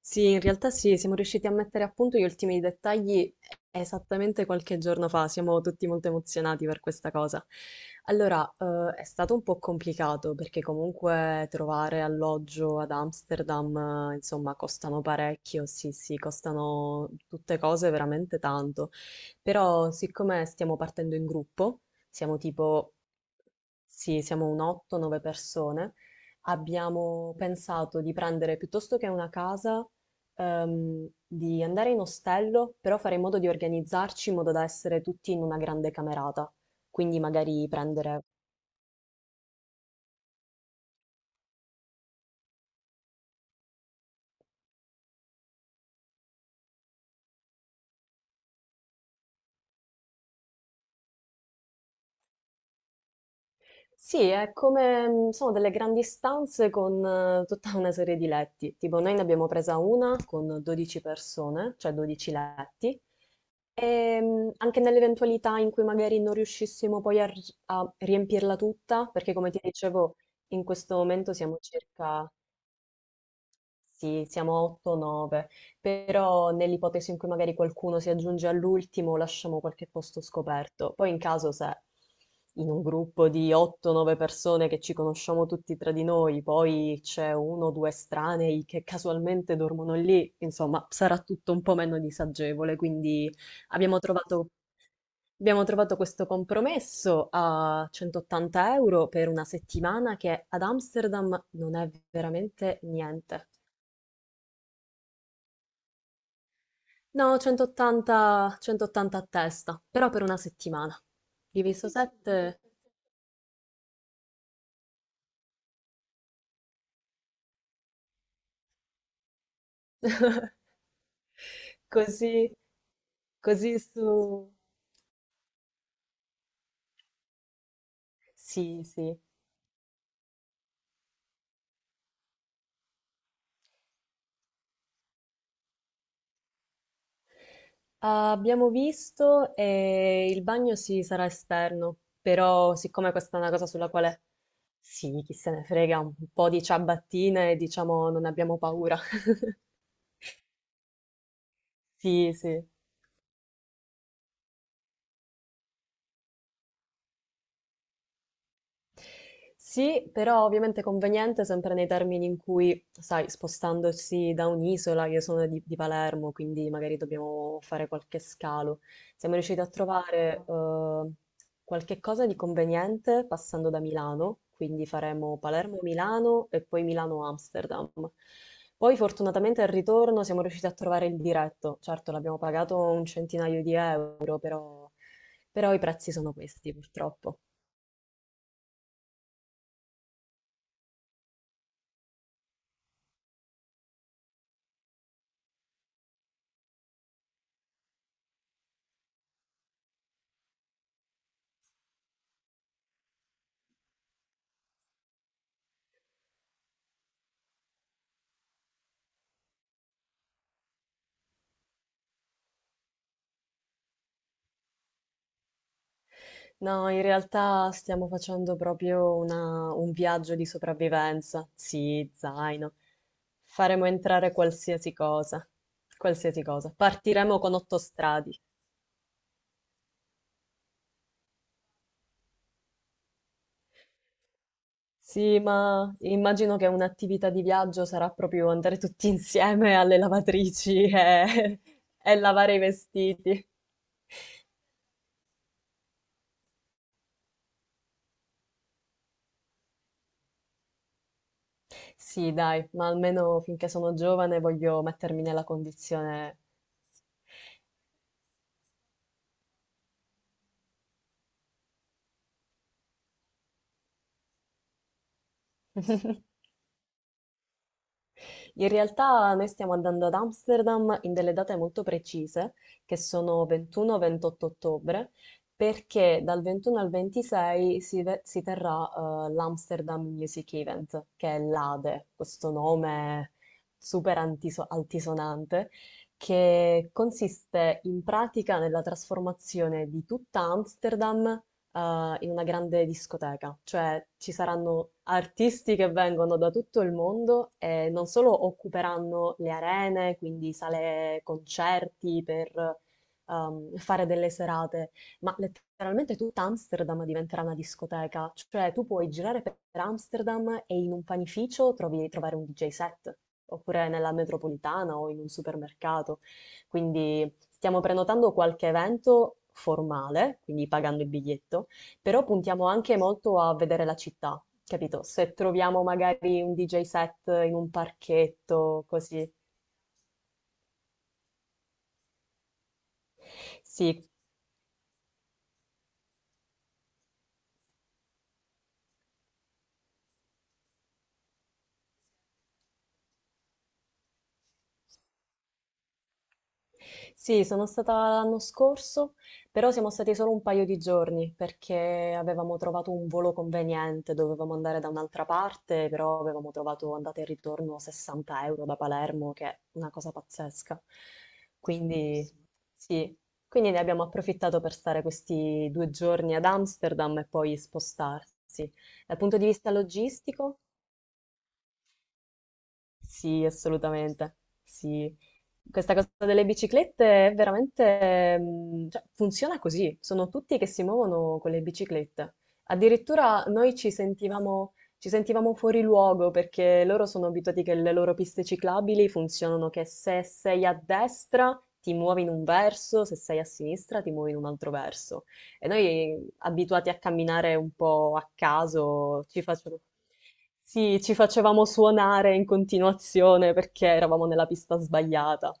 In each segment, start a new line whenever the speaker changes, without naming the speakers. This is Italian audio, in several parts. Sì, in realtà sì, siamo riusciti a mettere a punto gli ultimi dettagli esattamente qualche giorno fa, siamo tutti molto emozionati per questa cosa. Allora, è stato un po' complicato perché comunque trovare alloggio ad Amsterdam, insomma, costano parecchio, sì, sì, costano tutte cose veramente tanto. Però siccome stiamo partendo in gruppo, siamo tipo, sì, siamo un 8-9 persone, abbiamo pensato di prendere piuttosto che una casa, di andare in ostello, però fare in modo di organizzarci in modo da essere tutti in una grande camerata. Quindi magari prendere. Sì, è come sono delle grandi stanze con tutta una serie di letti. Tipo noi ne abbiamo presa una con 12 persone, cioè 12 letti. Anche nell'eventualità in cui magari non riuscissimo poi a riempirla tutta, perché come ti dicevo in questo momento siamo circa sì, siamo a 8-9, però nell'ipotesi in cui magari qualcuno si aggiunge all'ultimo, lasciamo qualche posto scoperto. Poi in caso se in un gruppo di 8-9 persone che ci conosciamo tutti tra di noi, poi c'è uno o due estranei che casualmente dormono lì, insomma, sarà tutto un po' meno disagevole, quindi abbiamo trovato Abbiamo trovato questo compromesso a 180 euro per una settimana che ad Amsterdam non è veramente niente. No, 180, 180 a testa, però per una settimana. Diviso 7, così, così su. Sì, sì. Abbiamo visto e il bagno sì sarà esterno, però siccome questa è una cosa sulla quale sì, chi se ne frega, un po' di ciabattine, diciamo, non abbiamo paura. Sì, sì. Sì, però ovviamente conveniente sempre nei termini in cui, sai, spostandosi da un'isola, io sono di Palermo, quindi magari dobbiamo fare qualche scalo. Siamo riusciti a trovare qualche cosa di conveniente passando da Milano, quindi faremo Palermo-Milano e poi Milano-Amsterdam. Poi fortunatamente al ritorno siamo riusciti a trovare il diretto, certo l'abbiamo pagato un centinaio di euro, però i prezzi sono questi purtroppo. No, in realtà stiamo facendo proprio un viaggio di sopravvivenza. Sì, zaino. Faremo entrare qualsiasi cosa, qualsiasi cosa. Partiremo con otto stradi. Sì, ma immagino che un'attività di viaggio sarà proprio andare tutti insieme alle lavatrici e, e lavare i vestiti. Sì, dai, ma almeno finché sono giovane voglio mettermi nella condizione. In realtà noi stiamo andando ad Amsterdam in delle date molto precise, che sono 21-28 ottobre, perché dal 21 al 26 si terrà l'Amsterdam Music Event, che è l'ADE, questo nome super altisonante, che consiste in pratica nella trasformazione di tutta Amsterdam in una grande discoteca, cioè ci saranno artisti che vengono da tutto il mondo e non solo occuperanno le arene, quindi sale concerti per fare delle serate, ma letteralmente tutta Amsterdam diventerà una discoteca, cioè tu puoi girare per Amsterdam e in un panificio trovare un DJ set. Oppure nella metropolitana o in un supermercato. Quindi stiamo prenotando qualche evento formale, quindi pagando il biglietto, però puntiamo anche molto a vedere la città, capito? Se troviamo magari un DJ set in un parchetto, così. Sì, Sì, sono stata l'anno scorso, però siamo stati solo un paio di giorni perché avevamo trovato un volo conveniente, dovevamo andare da un'altra parte, però avevamo trovato andata e ritorno 60 euro da Palermo, che è una cosa pazzesca. Quindi. Bellissimo. Sì, quindi ne abbiamo approfittato per stare questi due giorni ad Amsterdam e poi spostarsi. Dal punto di vista logistico? Sì, assolutamente. Sì. Questa cosa delle biciclette è veramente, cioè, funziona così. Sono tutti che si muovono con le biciclette. Addirittura noi ci sentivamo fuori luogo perché loro sono abituati che le loro piste ciclabili funzionano che se sei a destra ti muovi in un verso, se sei a sinistra ti muovi in un altro verso. E noi abituati a camminare un po' a caso, ci facevano... Sì, ci facevamo suonare in continuazione perché eravamo nella pista sbagliata.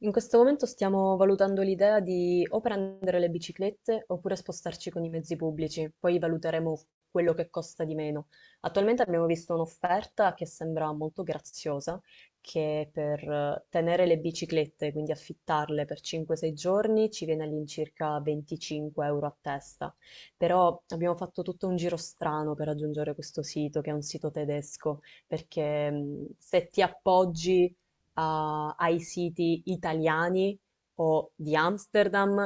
In questo momento stiamo valutando l'idea di o prendere le biciclette oppure spostarci con i mezzi pubblici, poi valuteremo quello che costa di meno. Attualmente abbiamo visto un'offerta che sembra molto graziosa, che per tenere le biciclette, quindi affittarle per 5-6 giorni, ci viene all'incirca 25 euro a testa. Però abbiamo fatto tutto un giro strano per raggiungere questo sito, che è un sito tedesco, perché se ti appoggi ai siti italiani o di Amsterdam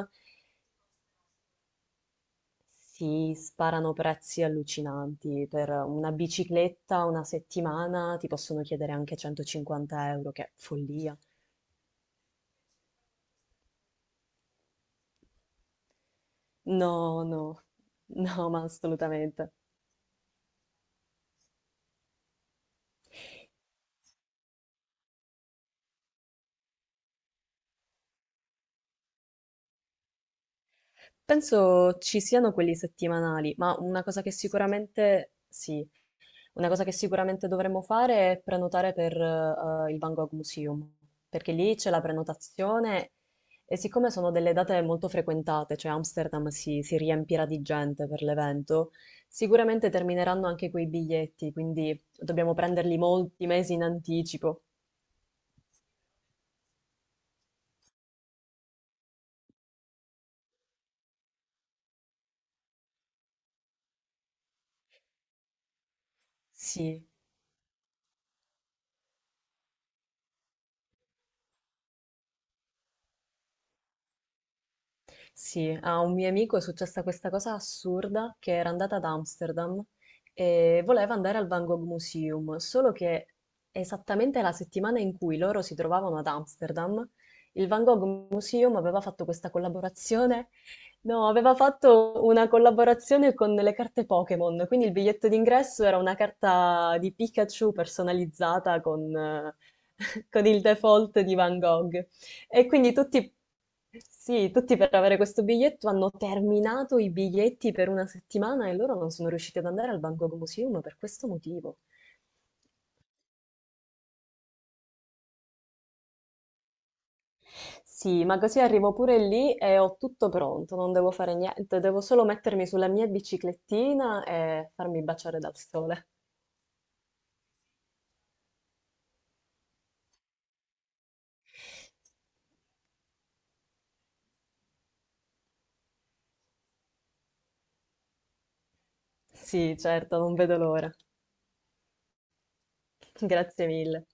si sparano prezzi allucinanti. Per una bicicletta una settimana ti possono chiedere anche 150 euro, che è follia. No, no, no, ma assolutamente. Penso ci siano quelli settimanali, ma una cosa che sicuramente sì, una cosa che sicuramente dovremmo fare è prenotare per il Van Gogh Museum, perché lì c'è la prenotazione e siccome sono delle date molto frequentate, cioè Amsterdam si riempirà di gente per l'evento, sicuramente termineranno anche quei biglietti, quindi dobbiamo prenderli molti mesi in anticipo. Sì. Sì, a un mio amico è successa questa cosa assurda che era andata ad Amsterdam e voleva andare al Van Gogh Museum, solo che esattamente la settimana in cui loro si trovavano ad Amsterdam, il Van Gogh Museum aveva fatto questa collaborazione. No, aveva fatto una collaborazione con le carte Pokémon, quindi il biglietto d'ingresso era una carta di Pikachu personalizzata con, con il default di Van Gogh. E quindi tutti, sì, tutti per avere questo biglietto hanno terminato i biglietti per una settimana e loro non sono riusciti ad andare al Van Gogh Museum per questo motivo. Sì, ma così arrivo pure lì e ho tutto pronto, non devo fare niente, devo solo mettermi sulla mia biciclettina e farmi baciare dal sole. Sì, certo, non vedo l'ora. Grazie mille.